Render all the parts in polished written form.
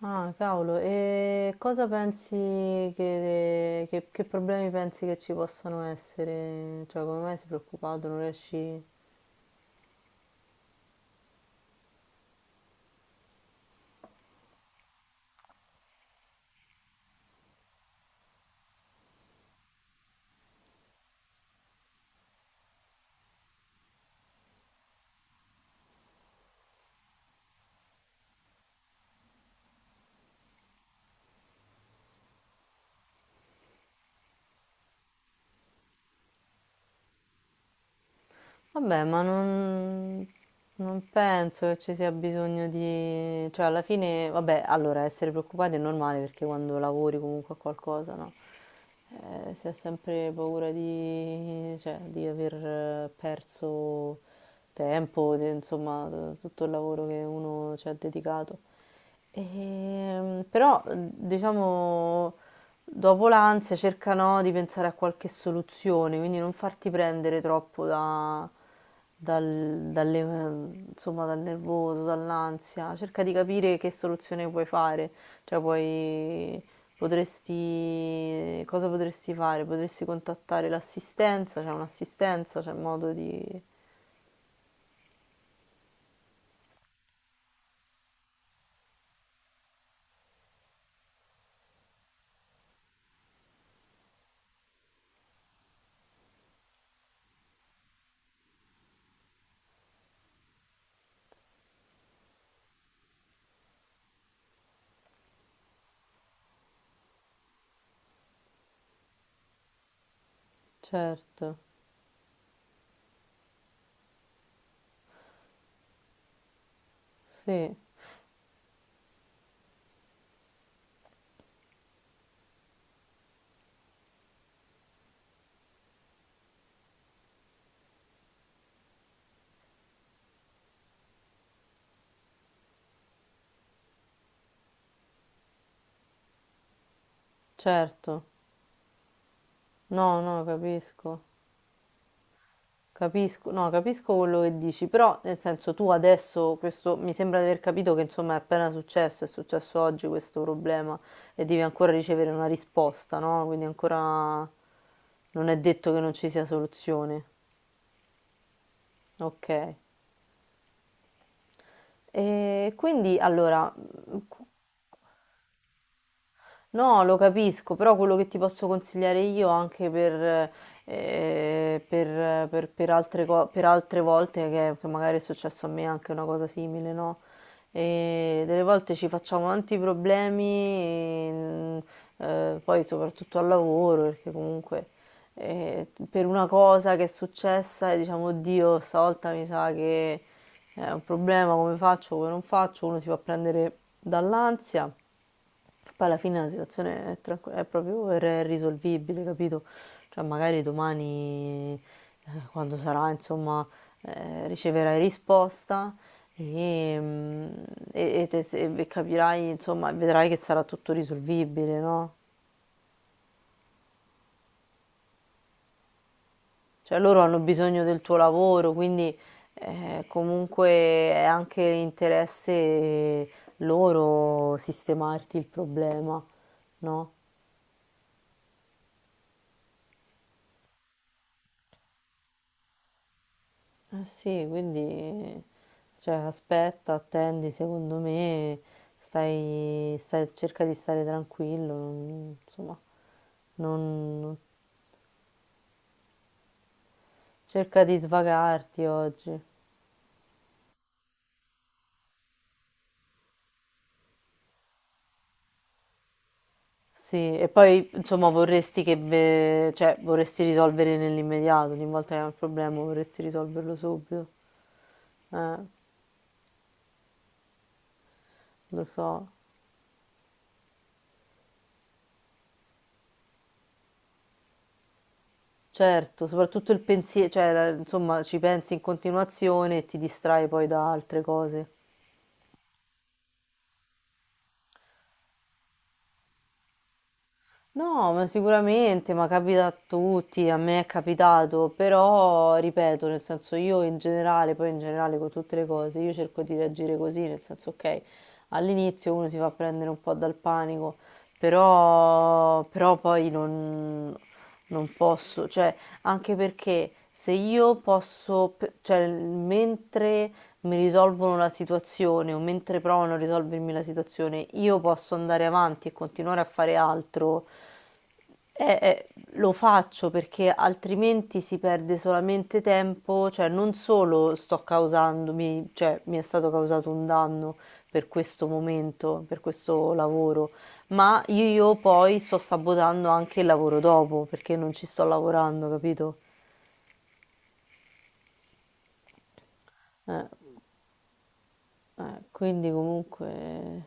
Ah, cavolo, e cosa pensi che problemi pensi che ci possano essere? Cioè, come mai sei preoccupato? Non riesci... Vabbè, non penso che ci sia bisogno di... Cioè, alla fine, vabbè, allora, essere preoccupati è normale perché quando lavori comunque a qualcosa, no? Si ha sempre paura di, cioè, di aver perso tempo, insomma, tutto il lavoro che uno ci ha dedicato. Però, diciamo, dopo l'ansia cerca, no, di pensare a qualche soluzione, quindi non farti prendere troppo da, dal, dalle- insomma, dal nervoso, dall'ansia, cerca di capire che soluzione puoi fare, cioè puoi, potresti, cosa potresti fare? Potresti contattare l'assistenza, c'è un'assistenza, c'è modo di... Certo, sì, certo, no, no, capisco. Capisco, no, capisco quello che dici, però nel senso tu adesso, questo, mi sembra di aver capito che insomma è appena successo, è successo oggi questo problema e devi ancora ricevere una risposta, no? Quindi ancora non è detto che non ci sia soluzione. Ok. E quindi allora no, lo capisco, però quello che ti posso consigliare io anche per, per altre, per altre volte che magari è successo a me anche una cosa simile, no? E delle volte ci facciamo tanti problemi, poi soprattutto al lavoro, perché comunque per una cosa che è successa e diciamo, oddio, stavolta mi sa che è un problema, come faccio, come non faccio, uno si fa prendere dall'ansia. Poi alla fine la situazione è, è proprio risolvibile, capito? Cioè magari domani, quando sarà, insomma, riceverai risposta e, mm, e capirai, insomma, vedrai che sarà tutto risolvibile, no? Cioè loro hanno bisogno del tuo lavoro, quindi comunque è anche interesse loro sistemarti il problema, no? Eh sì, quindi cioè, aspetta, attendi, secondo me cerca di stare tranquillo, non- insomma, non, non- cerca di svagarti oggi. Sì, e poi insomma vorresti che, cioè, vorresti risolvere nell'immediato, ogni volta che hai un problema vorresti risolverlo subito. Eh, lo so. Certo, soprattutto il pensiero, cioè, insomma, ci pensi in continuazione e ti distrai poi da altre cose. No, ma sicuramente, ma capita a tutti, a me è capitato, però ripeto, nel senso io in generale, poi in generale con tutte le cose, io cerco di reagire così, nel senso ok, all'inizio uno si fa prendere un po' dal panico, però poi non, non posso, cioè anche perché se io posso, cioè mentre mi risolvono la situazione o mentre provano a risolvermi la situazione, io posso andare avanti e continuare a fare altro, eh, eh, lo faccio perché altrimenti si perde solamente tempo, cioè non solo sto causandomi, cioè mi è stato causato un danno per questo momento, per questo lavoro, ma io poi sto sabotando anche il lavoro dopo perché non ci sto lavorando, capito? Eh. Quindi comunque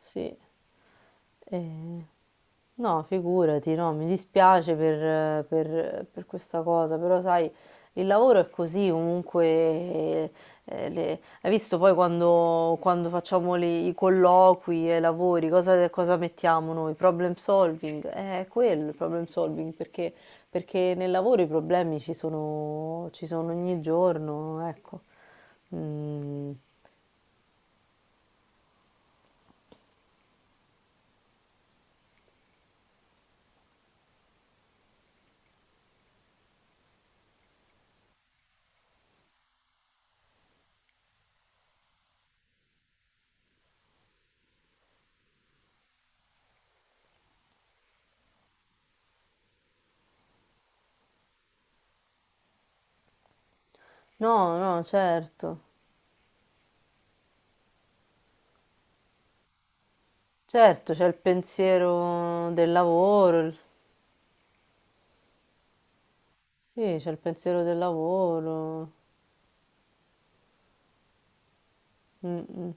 sì. Eh, no, figurati, no, mi dispiace per, per questa cosa, però sai, il lavoro è così, comunque, hai visto poi quando facciamo i colloqui e i lavori, cosa mettiamo noi? Problem solving. È quello il problem solving, perché nel lavoro i problemi ci sono ogni giorno, ecco. Mm. No, no, certo. Certo, c'è il pensiero del lavoro. Il- Sì, c'è il pensiero del lavoro. Mm, mm.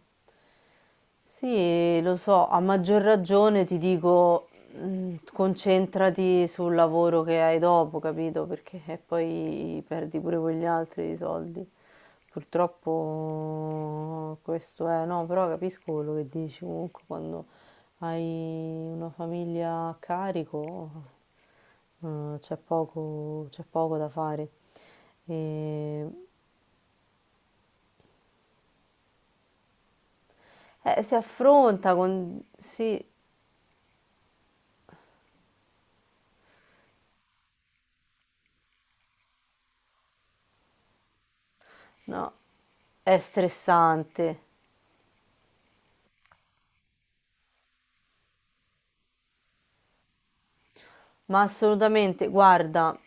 Sì, lo so, a maggior ragione ti dico, mm, concentrati sul lavoro che hai dopo, capito? Perché poi perdi pure quegli altri soldi. Purtroppo questo è, no, però capisco quello che dici comunque quando hai una famiglia a carico. Mhmm, c'è poco da fare. Ehm, si affronta con sì, no, è stressante, ma assolutamente. Guarda,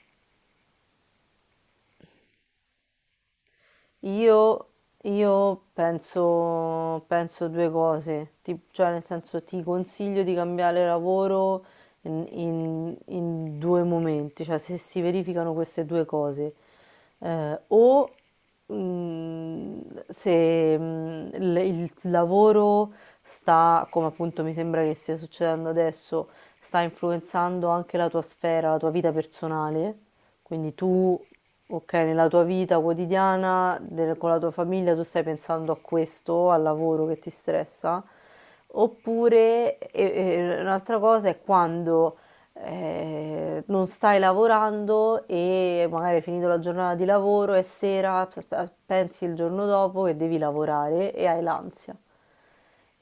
io, penso due cose, cioè nel senso ti consiglio di cambiare lavoro in, in due momenti, cioè se si verificano queste due cose, Eh, o mm, se il lavoro sta, come appunto mi sembra che stia succedendo adesso, sta influenzando anche la tua sfera, la tua vita personale quindi tu, ok, nella tua vita quotidiana, con la tua famiglia, tu stai pensando a questo, al lavoro che ti stressa, oppure e un'altra cosa è quando non stai lavorando e magari hai finito la giornata di lavoro e sera pensi il giorno dopo che devi lavorare e hai l'ansia.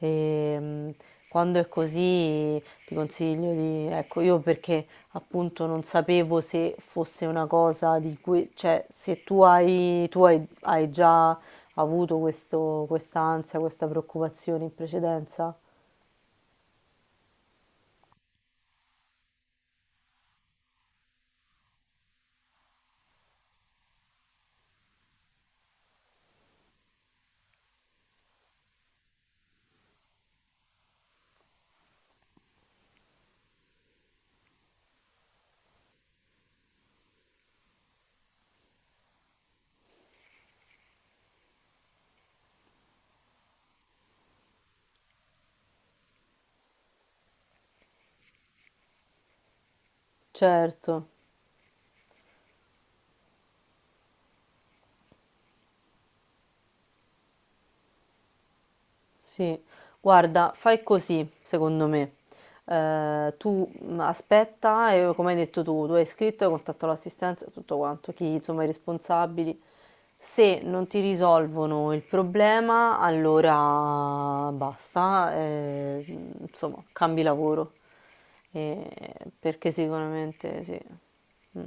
E, mh, Quando è così ti consiglio di, ecco, io perché appunto non sapevo se fosse una cosa di cui, cioè se tu hai, hai già avuto questo, questa ansia, questa preoccupazione in precedenza. Certo. Sì, guarda, fai così, secondo me. Tu aspetta e come hai detto tu, tu hai scritto, hai contattato l'assistenza, tutto quanto, chi insomma i responsabili. Se non ti risolvono il problema, allora basta, insomma, cambi lavoro. Eh, perché sicuramente sì. Mm.